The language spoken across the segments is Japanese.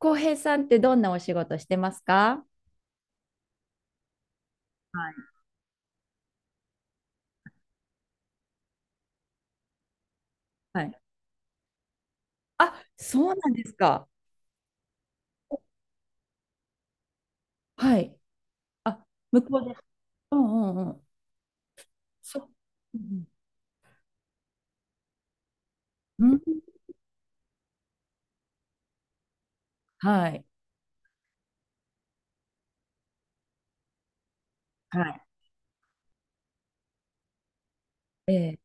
浩平さんってどんなお仕事してますか？はいはい。あ、そうなんですか。はい。あ、向こうで。うんうんうん。そう。うんうん。うん、はい。はい。ええ。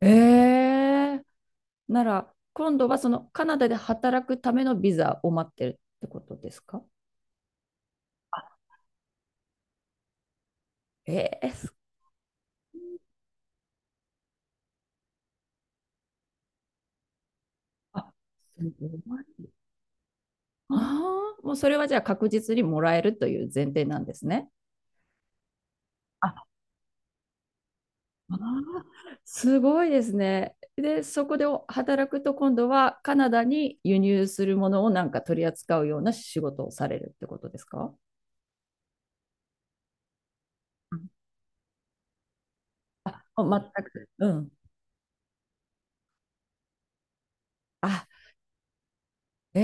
ええ。なら、今度はそのカナダで働くためのビザを待ってるってことですか？あ、ええ。あ、すごい。ああ、もうそれはじゃあ確実にもらえるという前提なんですね。あー、すごいですね。で、そこでお働くと今度はカナダに輸入するものをなんか取り扱うような仕事をされるってことですか？うん、あ、全く。うん。あ、え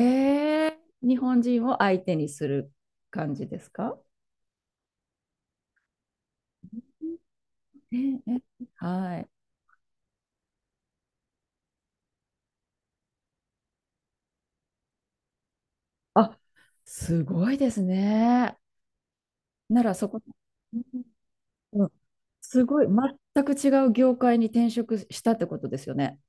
え、日本人を相手にする感じですか？ええええ、はい。あ、すごいですね。ならそこ、うんうん、すごい、全く違う業界に転職したってことですよね。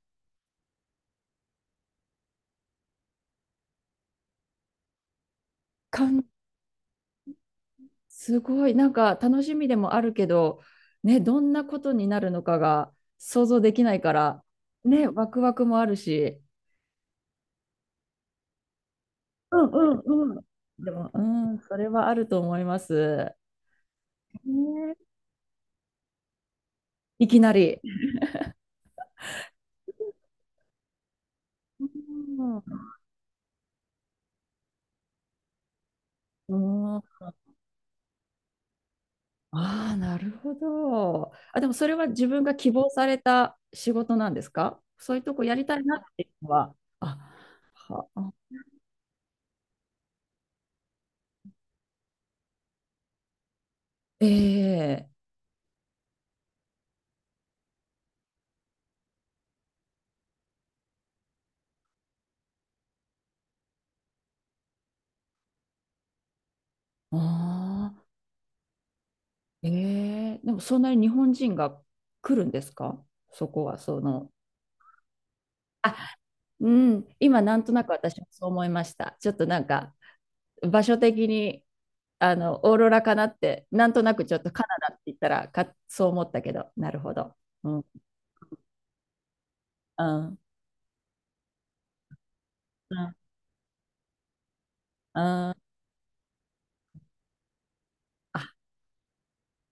すごい、なんか楽しみでもあるけど、ね、どんなことになるのかが想像できないから、ね、ワクワクもあるし、うんうんうん。でも、うん、それはあると思います。ね、いきなり。うんうん、ああ、なるほど。あ、でもそれは自分が希望された仕事なんですか？そういうとこやりたいなっていうのは。あ、あ、ええ、あ、ええ、でもそんなに日本人が来るんですか？そこは、その。あ、うん、今なんとなく私もそう思いました。ちょっとなんか場所的にあのオーロラかなってなんとなくちょっとカナダって言ったらかそう思ったけど、なるほど。うん、うん、うん、うん。あ、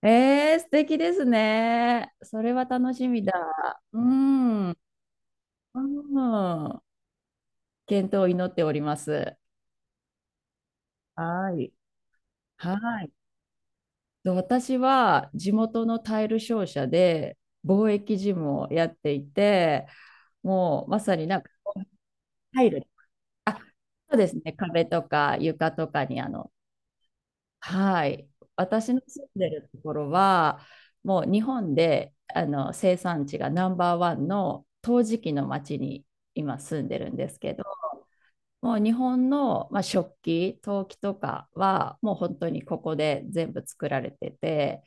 ええ、素敵ですね。それは楽しみだ。うん、うん。健闘を祈っております。はい。はい。と私は地元のタイル商社で貿易事務をやっていて、もうまさになんかタイル、あ、そうですね、壁とか床とかにはい、私の住んでるところは、もう日本で生産地がナンバーワンの陶磁器の町に今住んでるんですけど、もう日本の、まあ、食器、陶器とかはもう本当にここで全部作られてて、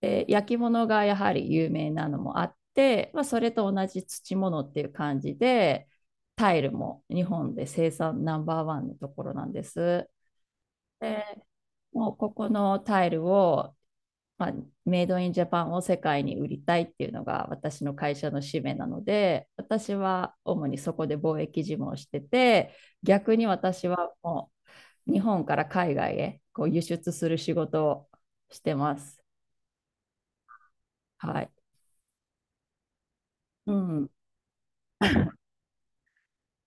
で焼き物がやはり有名なのもあって、まあ、それと同じ土物っていう感じでタイルも日本で生産ナンバーワンのところなんです。でもうここのタイルを、まあ、メイドインジャパンを世界に売りたいっていうのが私の会社の使命なので、私は主にそこで貿易事務をしてて、逆に私はもう日本から海外へこう輸出する仕事をしてます。はい、うん、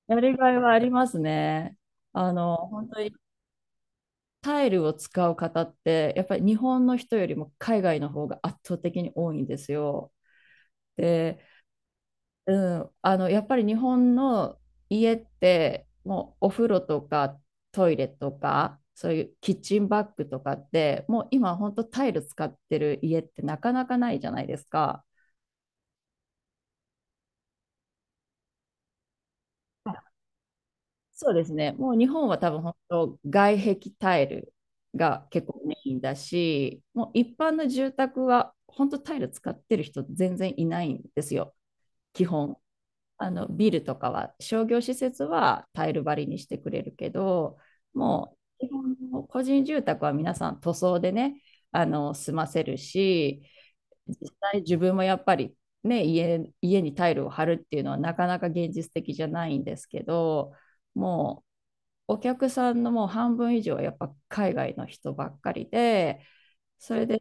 やりがいはありますね。本当にタイルを使う方って、やっぱり日本の人よりも海外の方が圧倒的に多いんですよ。で、うん、やっぱり日本の家って、もうお風呂とかトイレとか、そういうキッチンバッグとかって、もう今本当タイル使ってる家ってなかなかないじゃないですか。そうですね。もう日本は多分本当外壁タイルが結構メインだし、もう一般の住宅は本当タイル使ってる人全然いないんですよ、基本。あのビルとかは商業施設はタイル張りにしてくれるけど、もう基本の個人住宅は皆さん塗装でね、済ませるし、実際自分もやっぱりね、家にタイルを張るっていうのはなかなか現実的じゃないんですけど、もうお客さんのもう半分以上はやっぱ海外の人ばっかりで、それで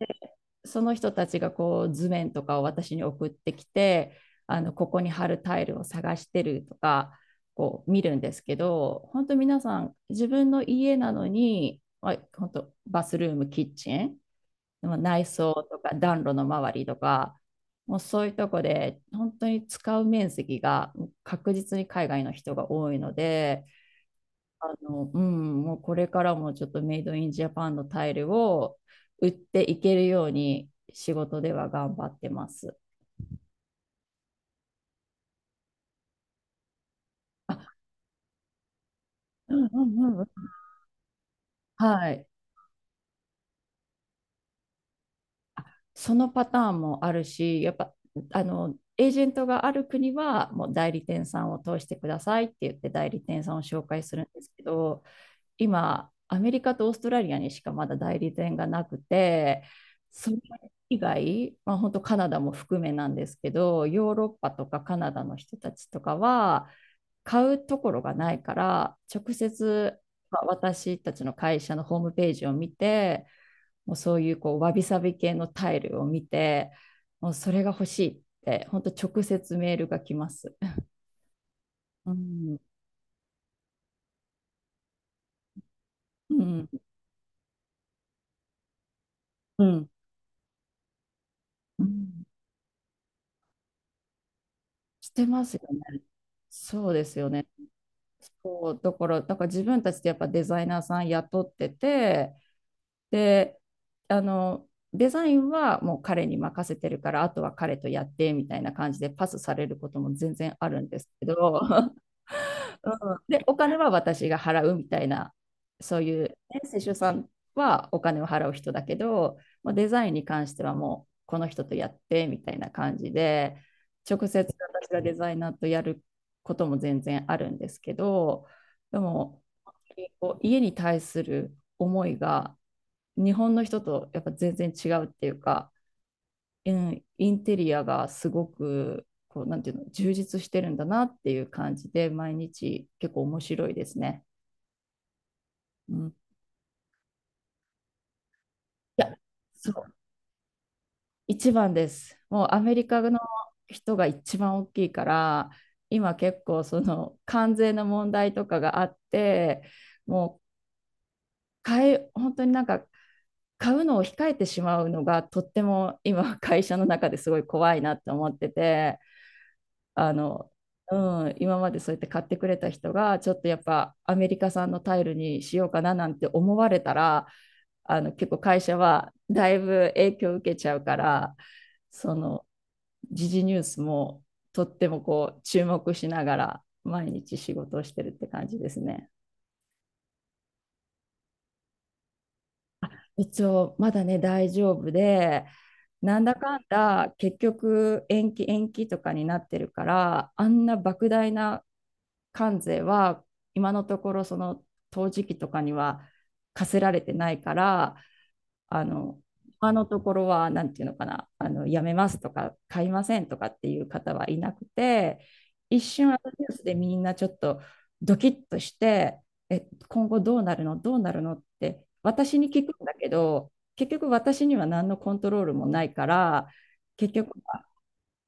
その人たちがこう図面とかを私に送ってきて、ここに貼るタイルを探してるとか、こう見るんですけど、本当皆さん自分の家なのに、まあ、本当バスルーム、キッチン、でも内装とか暖炉の周りとか、もうそういうとこで本当に使う面積が確実に海外の人が多いので、うん、もうこれからもちょっとメイドインジャパンのタイルを売っていけるように仕事では頑張ってます。あ、うんうんうん。はい。そのパターンもあるし、やっぱ、エージェントがある国は、もう代理店さんを通してくださいって言って代理店さんを紹介するんですけど、今、アメリカとオーストラリアにしかまだ代理店がなくて、それ以外、まあ、本当カナダも含めなんですけど、ヨーロッパとかカナダの人たちとかは、買うところがないから、直接、まあ私たちの会社のホームページを見て、もうそういうこうわびさび系のタイルを見て、もうそれが欲しいって、本当直接メールが来ます。うん、うん、うん、うん。してますよね。そうですよね。そう、だから自分たちでやっぱデザイナーさん雇ってて、で、デザインはもう彼に任せてるから、あとは彼とやってみたいな感じでパスされることも全然あるんですけど、うん、で、お金は私が払うみたいな、そういう、ね、施主さんはお金を払う人だけど、もうデザインに関してはもうこの人とやってみたいな感じで、直接私がデザイナーとやることも全然あるんですけど、でもこう家に対する思いが日本の人とやっぱ全然違うっていうか、うん、インテリアがすごくこうなんていうの充実してるんだなっていう感じで、毎日結構面白いですね。うん、いや、そう、一番です。もうアメリカの人が一番大きいから、今結構その関税の問題とかがあって、もう本当になんか買うのを控えてしまうのがとっても今会社の中ですごい怖いなって思ってて。あの、うん、今までそうやって買ってくれた人が、ちょっとやっぱアメリカ産のタイルにしようかななんて思われたら、結構会社はだいぶ影響を受けちゃうから、その、時事ニュースもとってもこう注目しながら毎日仕事をしてるって感じですね。一応まだね大丈夫で、なんだかんだ結局延期延期とかになってるから、あんな莫大な関税は今のところその陶磁器とかには課せられてないから、あの、今のところは、なんていうのかな、やめますとか、買いませんとかっていう方はいなくて、一瞬、あのニュースでみんなちょっとドキッとして、え、今後どうなるの、どうなるのって、私に聞くんだけど、結局私には何のコントロールもないから、結局は、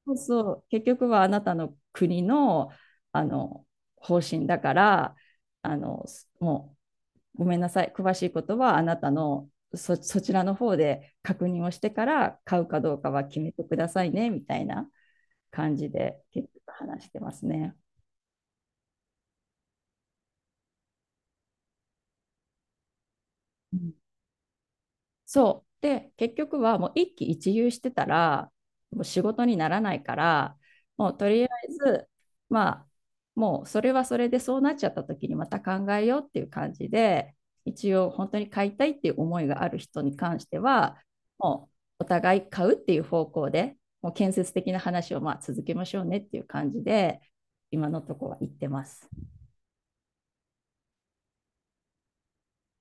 そうそう、結局はあなたの国の、あの、方針だから、あの、もごめんなさい、詳しいことはあなたのそちらの方で確認をしてから買うかどうかは決めてくださいねみたいな感じで結局話してますね。うん、そう。で、結局はもう一喜一憂してたら、もう仕事にならないから、もうとりあえず、まあ、もうそれはそれでそうなっちゃった時にまた考えようっていう感じで、一応本当に買いたいっていう思いがある人に関しては、もうお互い買うっていう方向で、もう建設的な話をまあ続けましょうねっていう感じで、今のところは言ってます。